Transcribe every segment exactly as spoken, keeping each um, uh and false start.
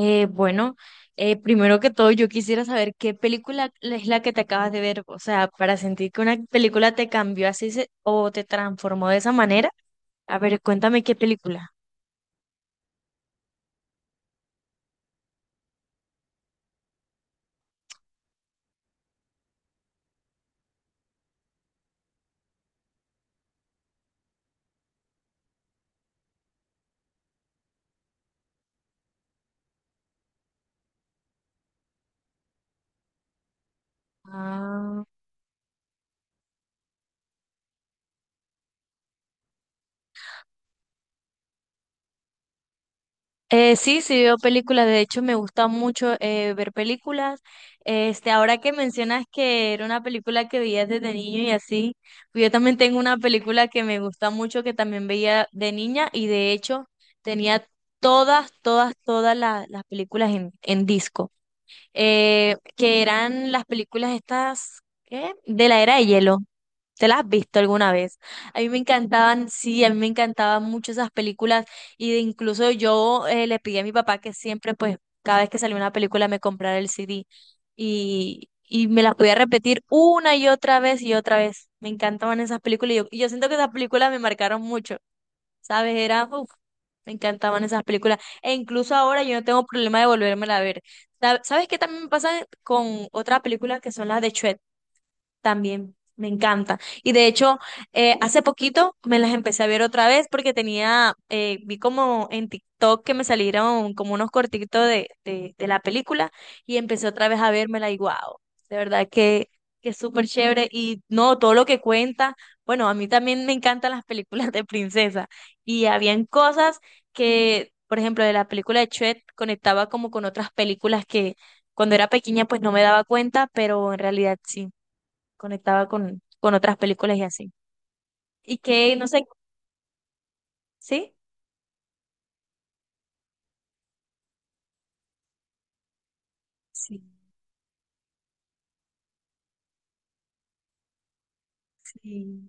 Eh, bueno, eh, primero que todo, yo quisiera saber qué película es la que te acabas de ver, o sea, para sentir que una película te cambió así se- o te transformó de esa manera. A ver, cuéntame qué película. Ah. Eh, sí, sí veo películas, de hecho me gusta mucho eh, ver películas. Este, ahora que mencionas que era una película que veías desde niño y así, pues yo también tengo una película que me gusta mucho que también veía de niña y de hecho tenía todas, todas, todas la- las películas en, en disco, eh, que eran las películas estas, ¿qué? De la Era de Hielo. ¿Te las has visto alguna vez? A mí me encantaban, sí, a mí me encantaban mucho esas películas y de incluso yo eh, le pedí a mi papá que siempre, pues, cada vez que salía una película me comprara el C D y, y me las podía repetir una y otra vez y otra vez. Me encantaban esas películas y yo, y yo siento que esas películas me marcaron mucho, ¿sabes? Era, uf, me encantaban esas películas e incluso ahora yo no tengo problema de volvérmela a ver. Sa- ¿Sabes qué también me pasa con otras películas que son las de Shrek? También, me encanta. Y de hecho, eh, hace poquito me las empecé a ver otra vez porque tenía, eh, vi como en TikTok que me salieron como unos cortitos de, de, de la película y empecé otra vez a vérmela y wow, de verdad que, que es súper chévere y no, todo lo que cuenta, bueno, a mí también me encantan las películas de princesa y habían cosas que, por ejemplo, de la película de Chet conectaba como con otras películas que... Cuando era pequeña, pues no me daba cuenta, pero en realidad sí conectaba con, con otras películas y así. Y que, no sé, ¿sí? Sí, sí.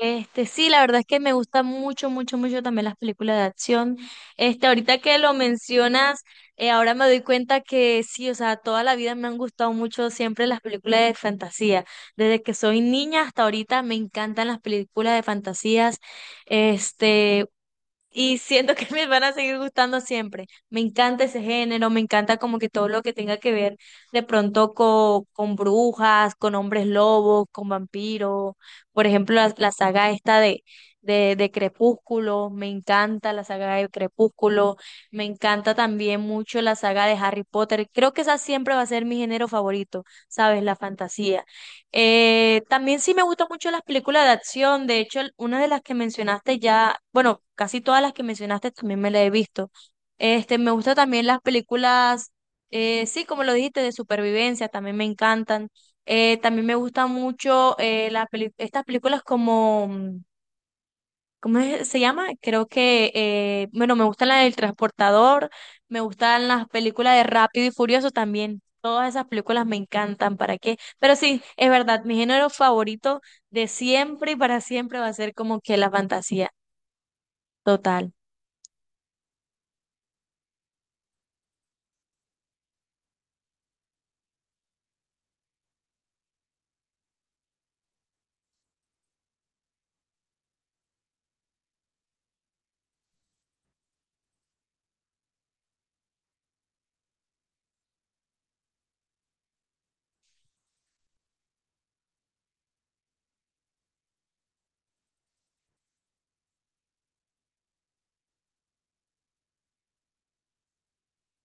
Este, sí, la verdad es que me gustan mucho, mucho, mucho también las películas de acción. Este, ahorita que lo mencionas, eh, ahora me doy cuenta que sí, o sea, toda la vida me han gustado mucho siempre las películas de fantasía. Desde que soy niña hasta ahorita me encantan las películas de fantasías. Este, Y siento que me van a seguir gustando siempre. Me encanta ese género, me encanta como que todo lo que tenga que ver de pronto co- con, brujas, con hombres lobos, con vampiros. Por ejemplo, la, la saga esta de, de, de Crepúsculo, me encanta la saga de Crepúsculo. Me encanta también mucho la saga de Harry Potter. Creo que esa siempre va a ser mi género favorito, ¿sabes? La fantasía. Eh, también sí me gustan mucho las películas de acción. De hecho, el- una de las que mencionaste ya, bueno, casi todas las que mencionaste también me las he visto. Este, me gustan también las películas, eh, sí, como lo dijiste, de supervivencia, también me encantan. Eh, también me gustan mucho eh, las peli- estas películas como ¿cómo es- se llama? Creo que, eh, bueno, me gustan las del Transportador, me gustan las películas de Rápido y Furioso también. Todas esas películas me encantan, ¿para qué? Pero sí, es verdad, mi género favorito de siempre y para siempre va a ser como que la fantasía total.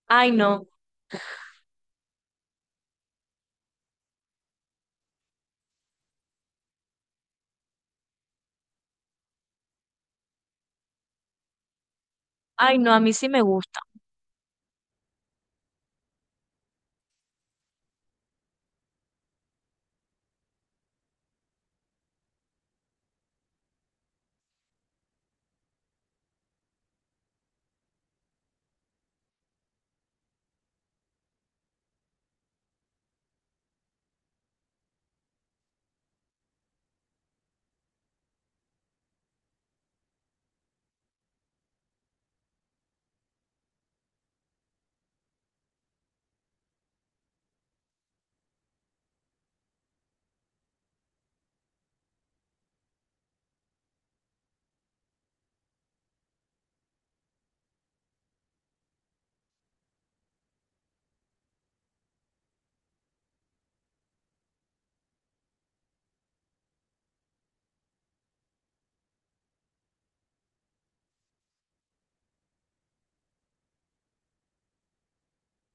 Ay, no, ay, no, a mí sí me gusta.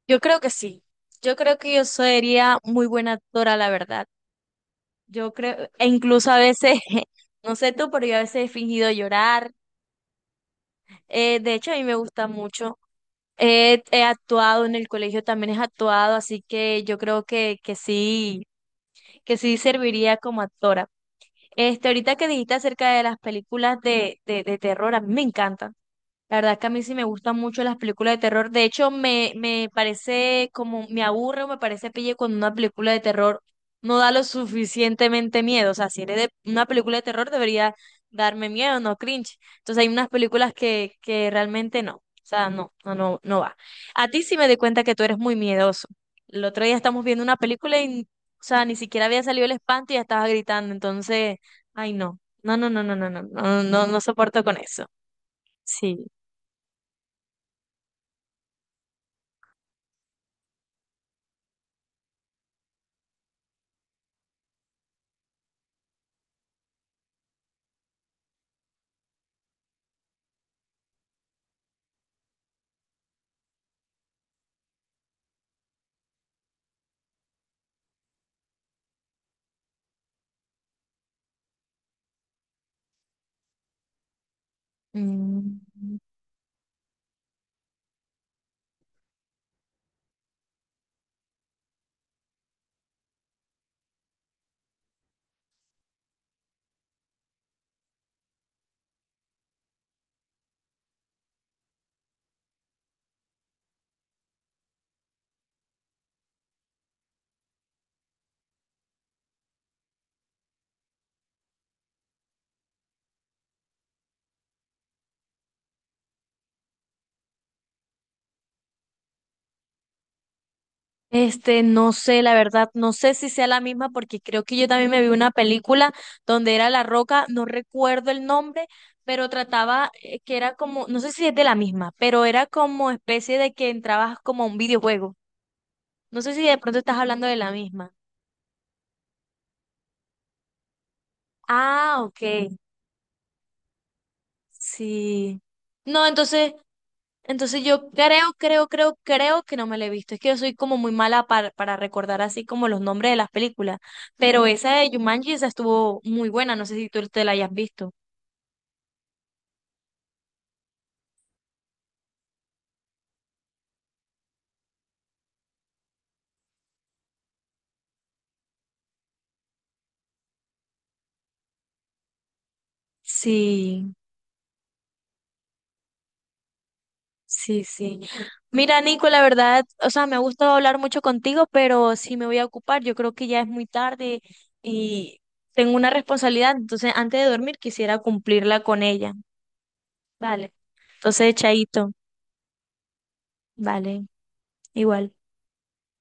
Yo creo que sí. Yo creo que yo sería muy buena actora, la verdad. Yo creo, e incluso a veces, no sé tú, pero yo a veces he fingido llorar. Eh, de hecho, a mí me gusta mucho. He, he actuado en el colegio, también he actuado, así que yo creo que, que sí, que sí serviría como actora. Este, ahorita que dijiste acerca de las películas de, de, de terror, a mí me encantan. La verdad es que a mí sí me gustan mucho las películas de terror. De hecho, me, me parece como, me aburre o me parece pille cuando una película de terror no da lo suficientemente miedo. O sea, si eres de una película de terror debería darme miedo, no cringe. Entonces hay unas películas que, que realmente no. O sea, no, no, no, no va. A ti sí me di cuenta que tú eres muy miedoso. El otro día estamos viendo una película y, o sea, ni siquiera había salido el espanto y ya estabas gritando. Entonces, ay no. No, no, no, no, no, no, no, no, no soporto con eso. Sí. Mm. Este, no sé, la verdad, no sé si sea la misma porque creo que yo también me vi una película donde era La Roca, no recuerdo el nombre, pero trataba eh, que era como, no sé si es de la misma, pero era como especie de que entrabas como a un videojuego. No sé si de pronto estás hablando de la misma. Ah, ok, sí. No, entonces, Entonces yo creo, creo, creo, creo que no me la he visto. Es que yo soy como muy mala para, para recordar así como los nombres de las películas. Pero esa de Jumanji, esa estuvo muy buena. No sé si tú te la hayas visto. Sí, sí, sí. Mira, Nico, la verdad, o sea, me ha gustado hablar mucho contigo, pero sí me voy a ocupar. Yo creo que ya es muy tarde y tengo una responsabilidad. Entonces, antes de dormir, quisiera cumplirla con ella. Vale. Entonces, chaito. Vale, igual.